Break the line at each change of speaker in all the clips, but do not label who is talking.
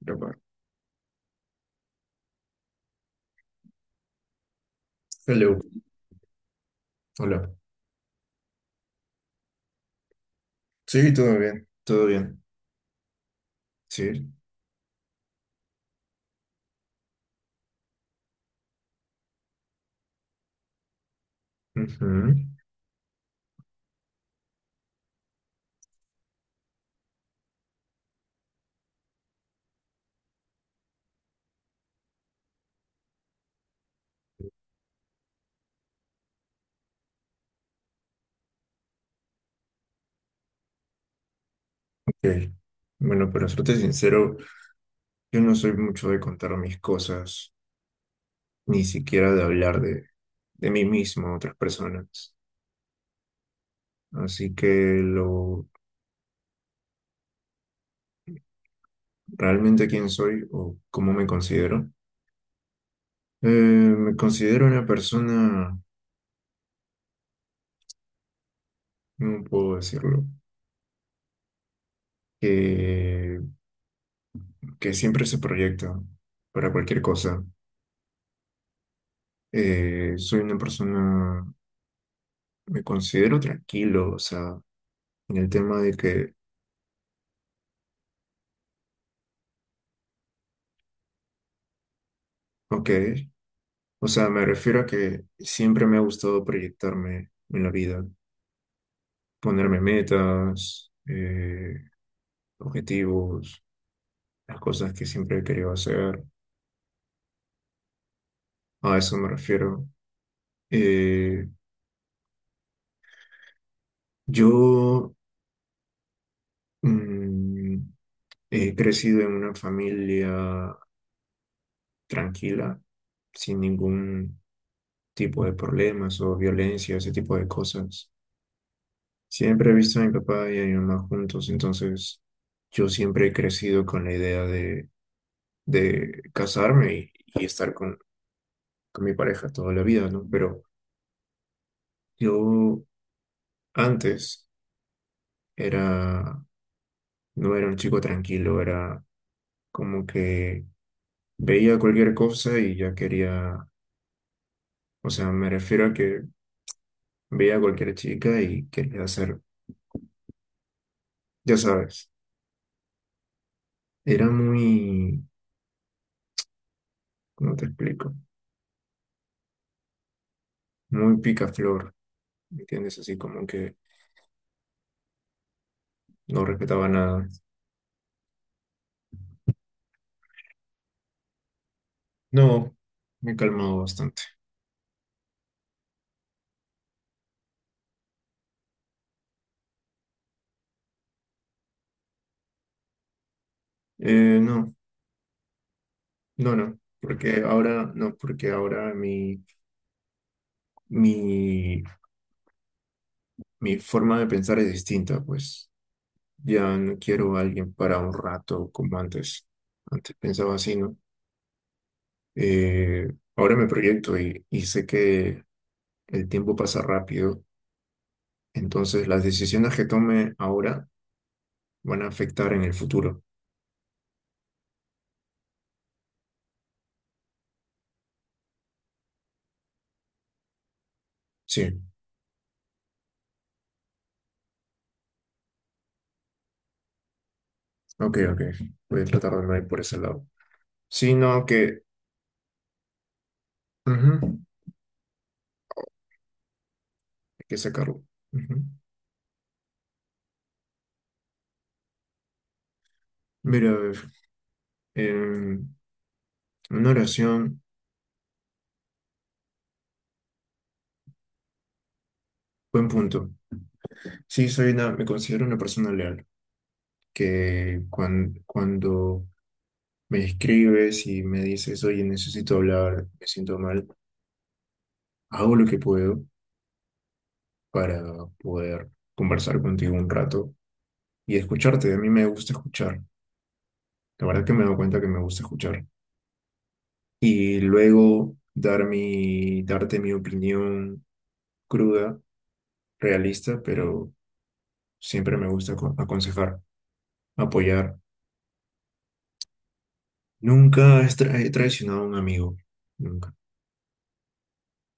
Grabar. Hello, hola. Sí, todo bien, todo bien. Sí, ujú. Ok, bueno, para serte sincero, yo no soy mucho de contar mis cosas, ni siquiera de mí mismo a otras personas. Así que lo realmente quién soy o cómo me considero. Me considero una persona, no puedo decirlo, que, que siempre se proyecta para cualquier cosa. Soy una persona. Me considero tranquilo, o sea, en el tema ok, o sea, me refiero a que siempre me ha gustado proyectarme en la vida, ponerme metas, objetivos, las cosas que siempre he querido hacer, a eso me refiero. Eh, yo mm, He crecido en una familia tranquila, sin ningún tipo de problemas o violencia, ese tipo de cosas. Siempre he visto a mi papá y a mi mamá juntos, entonces yo siempre he crecido con la idea de casarme y estar con mi pareja toda la vida, ¿no? Pero yo antes era, no era un chico tranquilo, era como que veía cualquier cosa y ya quería, o sea, me refiero a que veía a cualquier chica y quería hacer, ya sabes, era muy, ¿cómo te explico? Muy picaflor, ¿me entiendes? Así como que no respetaba nada. No, me he calmado bastante. No, no, no. Porque ahora, no, porque ahora mi, mi forma de pensar es distinta, pues. Ya no quiero a alguien para un rato como antes. Antes pensaba así, ¿no? Ahora me proyecto y sé que el tiempo pasa rápido. Entonces las decisiones que tome ahora van a afectar en el futuro. Sí, ok, ok. Voy a tratar de no ir por ese lado. Sí, no, que ujú, hay que sacarlo. Ujú. Mira, a ver, em, una oración, buen punto. Sí, soy una, me considero una persona leal, cuando me escribes y me dices, oye, necesito hablar, me siento mal, hago lo que puedo para poder conversar contigo un rato y escucharte. A mí me gusta escuchar. La verdad que me doy cuenta que me gusta escuchar. Y luego darte mi opinión cruda, realista, pero siempre me gusta aconsejar, apoyar. Nunca he traicionado a un amigo. Nunca,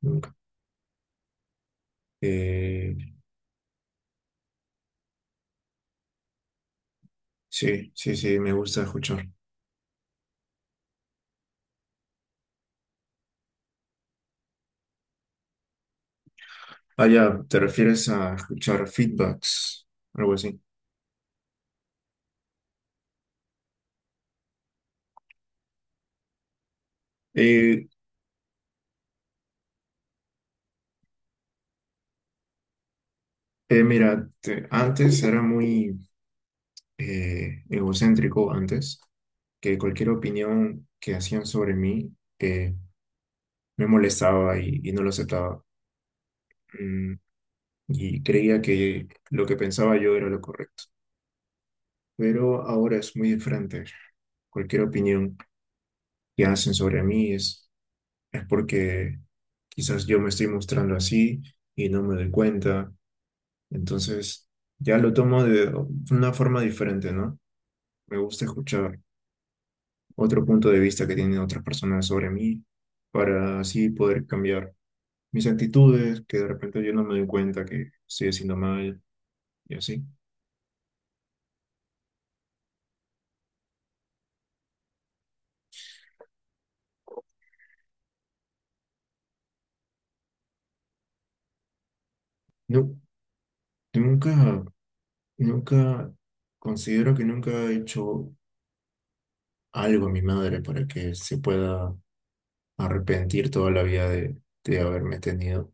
nunca. Eh, sí, sí, sí, me gusta escuchar. Ah, ya, te refieres a escuchar feedbacks, algo así. Eh, Mira, antes era muy egocéntrico, antes, que cualquier opinión que hacían sobre mí me molestaba y no lo aceptaba. Mm, y creía que lo que pensaba yo era lo correcto. Pero ahora es muy diferente. Cualquier opinión que hacen sobre mí es porque quizás yo me estoy mostrando así y no me doy cuenta. Entonces, ya lo tomo de una forma diferente, ¿no? Me gusta escuchar otro punto de vista que tienen otras personas sobre mí para así poder cambiar mis actitudes, que de repente yo no me doy cuenta que estoy haciendo mal y así. No, nunca, nunca, considero que nunca he hecho algo a mi madre para que se pueda arrepentir toda la vida de haberme tenido.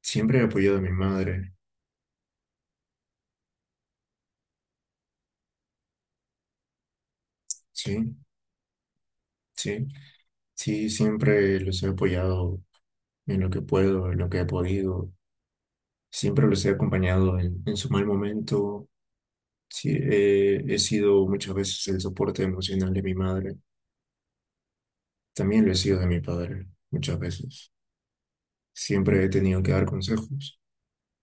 Siempre he apoyado a mi madre, sí, sí, sí, siempre los he apoyado en lo que puedo, en lo que he podido, siempre los he acompañado en su mal momento, sí, he sido muchas veces el soporte emocional de mi madre, también lo he sido de mi padre, muchas veces. Siempre he tenido que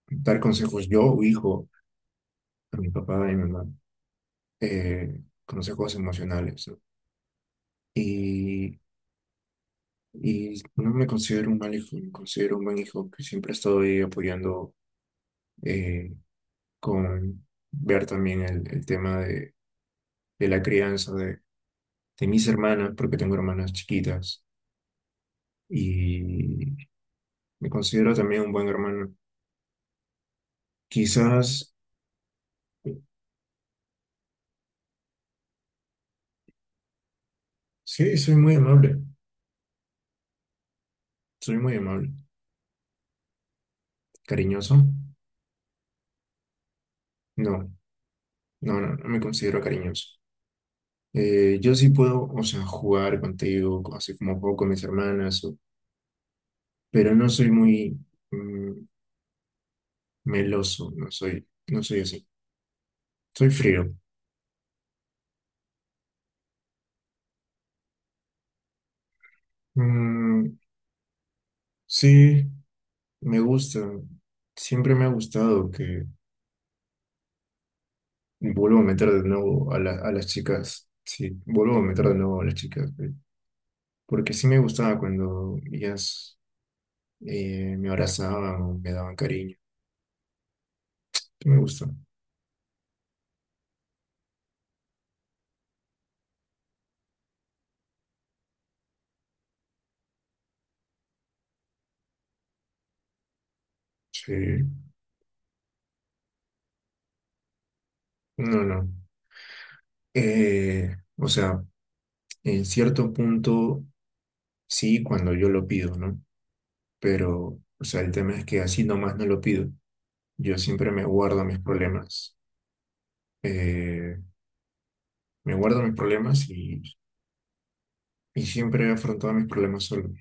dar consejos yo, hijo, a mi papá y a mi mamá. Consejos emocionales, ¿no? Y, y no me considero un mal hijo, me considero un buen hijo que siempre estoy apoyando, eh, con ver también el tema de la crianza de mis hermanas, porque tengo hermanas chiquitas, y me considero también un buen hermano. Quizás, sí, soy muy amable, soy muy amable. ¿Cariñoso? No, no, no, no me considero cariñoso. Yo sí puedo, o sea, jugar contigo, así como juego con mis hermanas, pero no soy muy mm, meloso, no soy, no soy así, soy frío. Mm, sí, me gusta, siempre me ha gustado que, vuelvo a meter de nuevo a, a las chicas, sí, vuelvo a meter de nuevo a las chicas, porque sí me gustaba cuando ellas me abrazaban o me daban cariño, sí me gusta, sí, no, no. O sea, en cierto punto, sí, cuando yo lo pido, ¿no? Pero, o sea, el tema es que así nomás no lo pido. Yo siempre me guardo mis problemas. Eh, Me guardo mis problemas y siempre he afrontado mis problemas solo.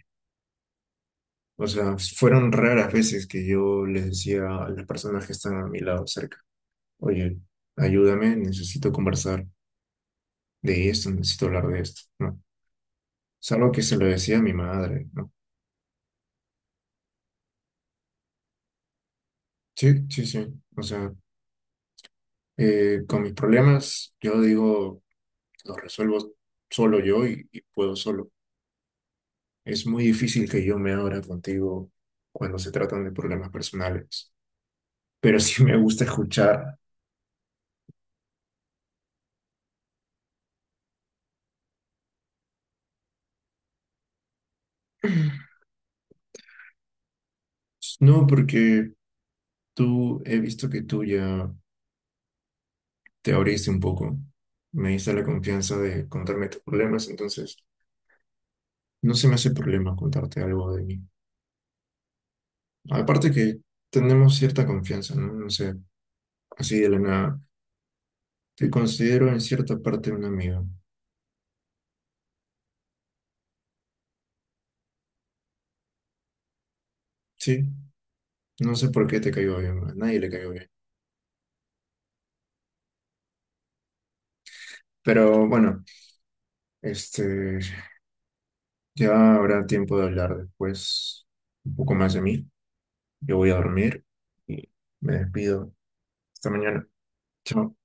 O sea, fueron raras veces que yo les decía a las personas que están a mi lado cerca, oye, ayúdame, necesito conversar de esto, necesito hablar de esto, ¿no? Salvo que se lo decía a mi madre, ¿no? Sí, sí, sí. O sea, con mis problemas, yo digo lo resuelvo solo yo y puedo solo. Es muy difícil que yo me abra contigo cuando se tratan de problemas personales, pero sí me gusta escuchar. No, porque tú, he visto que tú ya te abriste un poco, me diste la confianza de contarme tus problemas, entonces no se me hace problema contarte algo de mí. Aparte que tenemos cierta confianza, ¿no? No sé, así de la nada. Te considero en cierta parte un amigo. Sí, no sé por qué te caigo bien, a nadie le caigo bien. Pero bueno, este, ya habrá tiempo de hablar después un poco más de mí. Yo voy a dormir y me despido. Hasta mañana. Chao.